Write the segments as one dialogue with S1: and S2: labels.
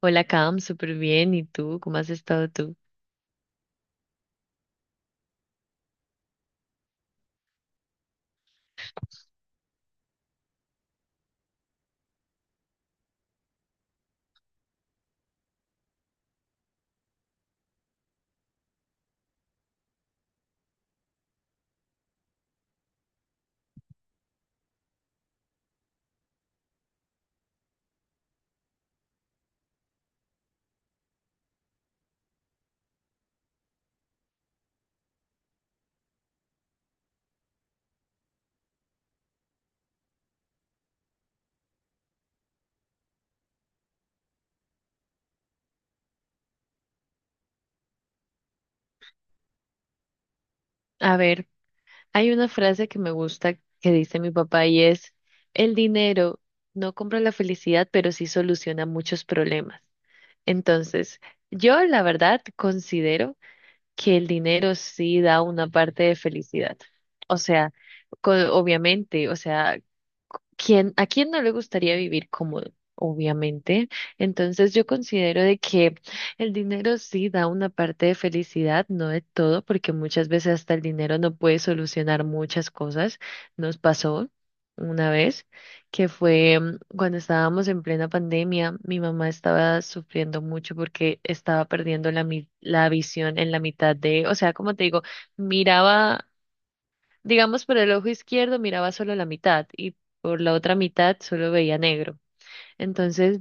S1: Hola, Cam, súper bien. ¿Y tú? ¿Cómo has estado tú? A ver, hay una frase que me gusta que dice mi papá y es, el dinero no compra la felicidad, pero sí soluciona muchos problemas. Entonces, yo la verdad considero que el dinero sí da una parte de felicidad. O sea, obviamente, o sea, ¿quién, a quién no le gustaría vivir cómodo? Obviamente. Entonces yo considero de que el dinero sí da una parte de felicidad, no de todo, porque muchas veces hasta el dinero no puede solucionar muchas cosas. Nos pasó una vez que fue, cuando estábamos en plena pandemia, mi mamá estaba sufriendo mucho porque estaba perdiendo la visión en la mitad de, o sea, como te digo, miraba. Digamos, por el ojo izquierdo miraba solo la mitad y por la otra mitad solo veía negro. Entonces,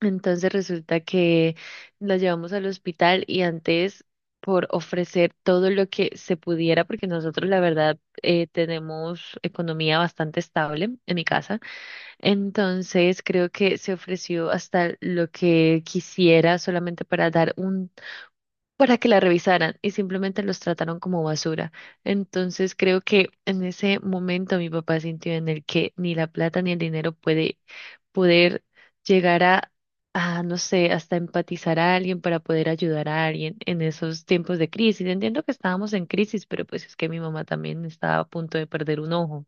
S1: entonces resulta que la llevamos al hospital y antes por ofrecer todo lo que se pudiera, porque nosotros la verdad tenemos economía bastante estable en mi casa, entonces creo que se ofreció hasta lo que quisiera solamente para dar un, para que la revisaran y simplemente los trataron como basura. Entonces creo que en ese momento mi papá sintió en el que ni la plata ni el dinero puede poder llegar a no sé, hasta empatizar a alguien para poder ayudar a alguien en esos tiempos de crisis. Entiendo que estábamos en crisis, pero pues es que mi mamá también estaba a punto de perder un ojo.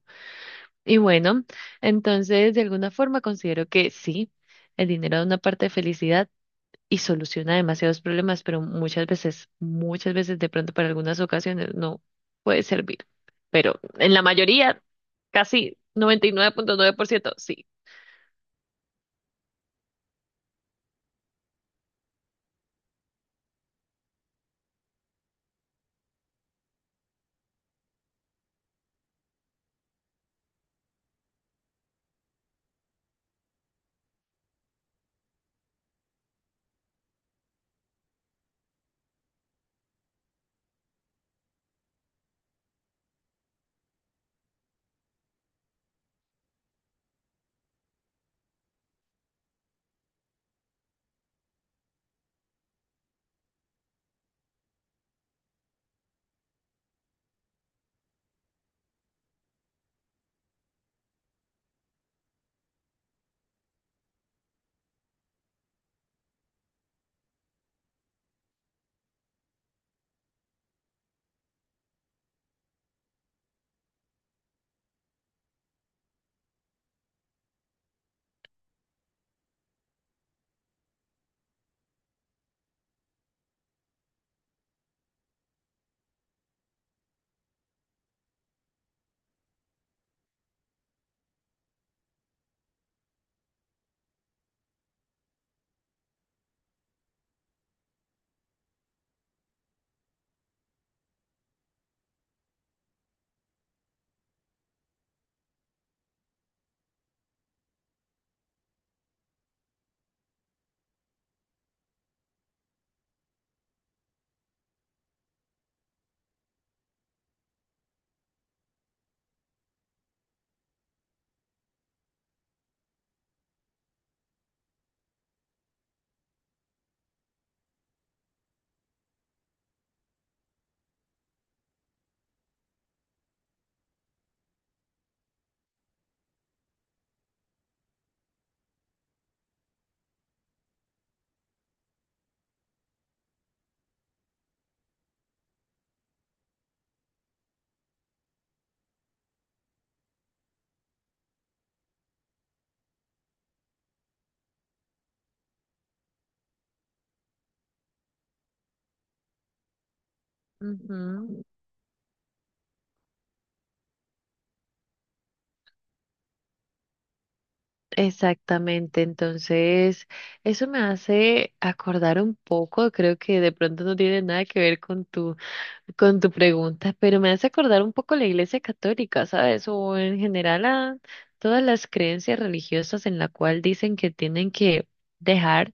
S1: Y bueno, entonces de alguna forma considero que sí. El dinero da una parte de felicidad, y soluciona demasiados problemas, pero muchas veces de pronto para algunas ocasiones no puede servir. Pero en la mayoría, casi noventa y nueve punto nueve por ciento sí. Ujú. Exactamente, entonces eso me hace acordar un poco, creo que de pronto no tiene nada que ver con tu pregunta, pero me hace acordar un poco la Iglesia Católica, ¿sabes? O en general a todas las creencias religiosas en la cual dicen que tienen que dejar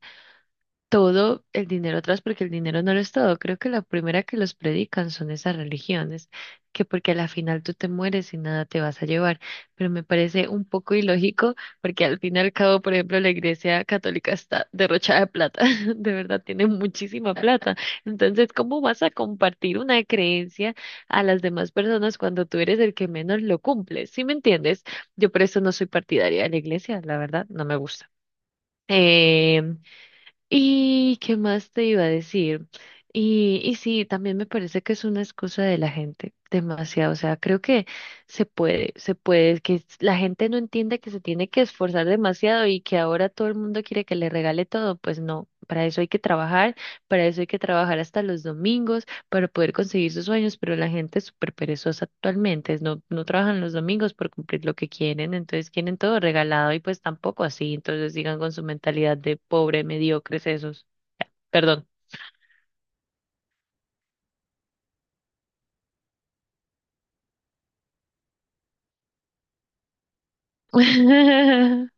S1: todo el dinero atrás porque el dinero no lo es todo. Creo que la primera que los predican son esas religiones, que porque a la final tú te mueres y nada te vas a llevar. Pero me parece un poco ilógico porque al fin y al cabo, por ejemplo, la Iglesia Católica está derrochada de plata, de verdad tiene muchísima plata. Entonces, ¿cómo vas a compartir una creencia a las demás personas cuando tú eres el que menos lo cumple? ¿Sí me entiendes? Yo por eso no soy partidaria de la iglesia, la verdad, no me gusta. Eh, ¿Y qué más te iba a decir? Y sí, también me parece que es una excusa de la gente, demasiado. O sea, creo que se puede, la gente no entiende que se tiene que esforzar demasiado y que ahora todo el mundo quiere que le regale todo. Pues no, para eso hay que trabajar, para eso hay que trabajar hasta los domingos, para poder conseguir sus sueños, pero la gente es súper perezosa actualmente, no, no trabajan los domingos por cumplir lo que quieren, entonces quieren todo regalado y pues tampoco así, entonces sigan con su mentalidad de pobre, mediocres esos, perdón.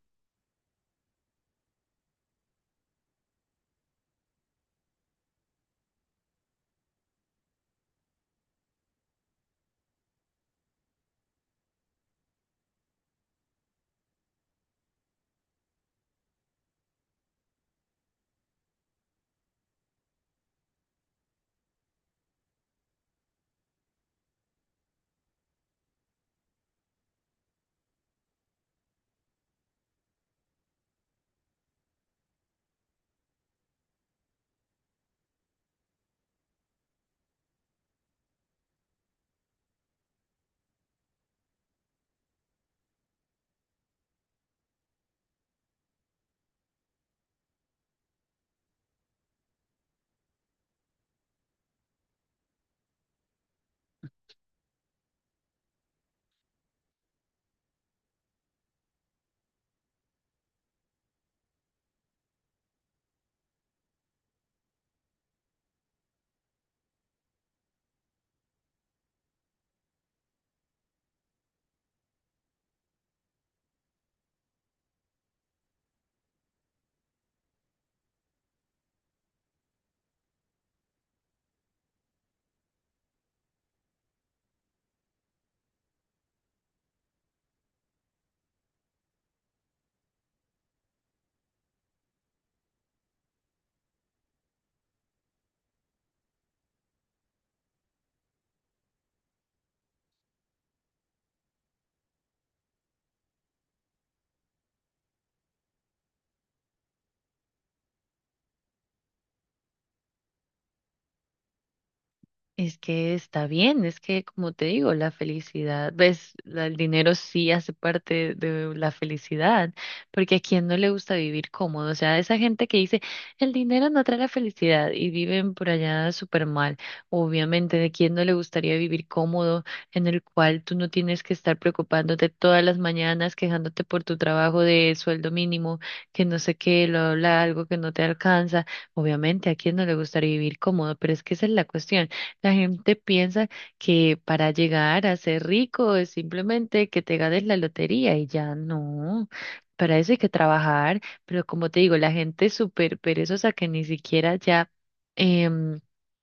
S1: Es que está bien, es que como te digo, la felicidad, ves, el dinero sí hace parte de la felicidad, porque a quién no le gusta vivir cómodo, o sea, esa gente que dice, el dinero no trae la felicidad y viven por allá súper mal, obviamente, ¿de quién no le gustaría vivir cómodo en el cual tú no tienes que estar preocupándote todas las mañanas, quejándote por tu trabajo de sueldo mínimo, que no sé qué, lo habla algo que no te alcanza? Obviamente, ¿a quién no le gustaría vivir cómodo? Pero es que esa es la cuestión. La gente piensa que para llegar a ser rico es simplemente que te ganes la lotería y ya no. Para eso hay que trabajar, pero como te digo, la gente es súper perezosa que ni siquiera ya, em,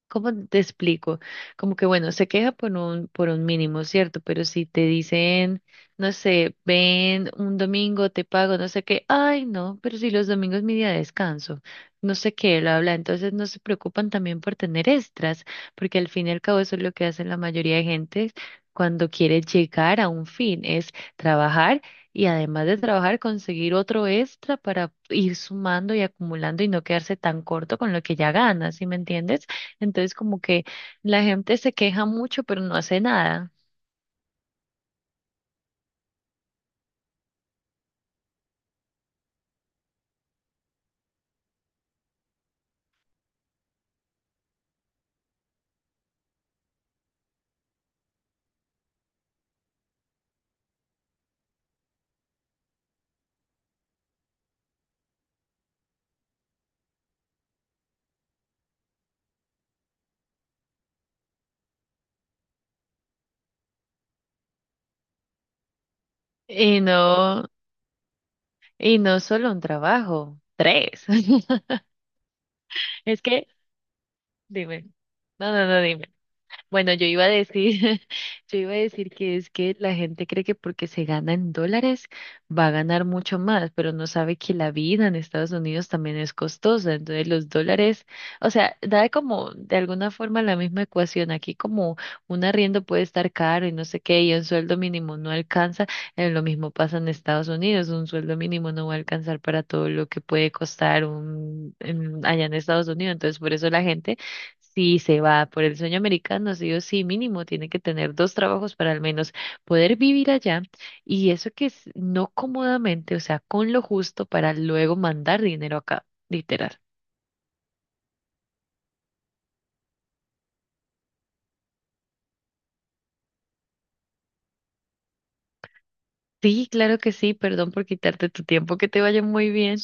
S1: ¿cómo te explico? Como que bueno, se queja por un, mínimo, ¿cierto? Pero si te dicen, no sé, ven un domingo, te pago, no sé qué, ay no, pero si los domingos es mi día de descanso, no sé qué, lo habla, entonces no se preocupan también por tener extras porque al fin y al cabo eso es lo que hace la mayoría de gente cuando quiere llegar a un fin, es trabajar y además de trabajar conseguir otro extra para ir sumando y acumulando y no quedarse tan corto con lo que ya gana, ¿sí me entiendes? Entonces como que la gente se queja mucho pero no hace nada y no y no solo un trabajo, tres. Es que dime. No, no, no, dime. Bueno, yo iba a decir, yo iba a decir que es que la gente cree que porque se gana en dólares va a ganar mucho más, pero no sabe que la vida en Estados Unidos también es costosa. Entonces los dólares, o sea, da como de alguna forma la misma ecuación. Aquí como un arriendo puede estar caro y no sé qué, y un sueldo mínimo no alcanza, lo mismo pasa en Estados Unidos, un sueldo mínimo no va a alcanzar para todo lo que puede costar un, allá en Estados Unidos. Entonces por eso la gente. Sí, se va por el sueño americano, sí o sí, mínimo tiene que tener dos trabajos para al menos poder vivir allá y eso que es no cómodamente, o sea, con lo justo para luego mandar dinero acá, literal. Sí, claro que sí, perdón por quitarte tu tiempo, que te vaya muy bien.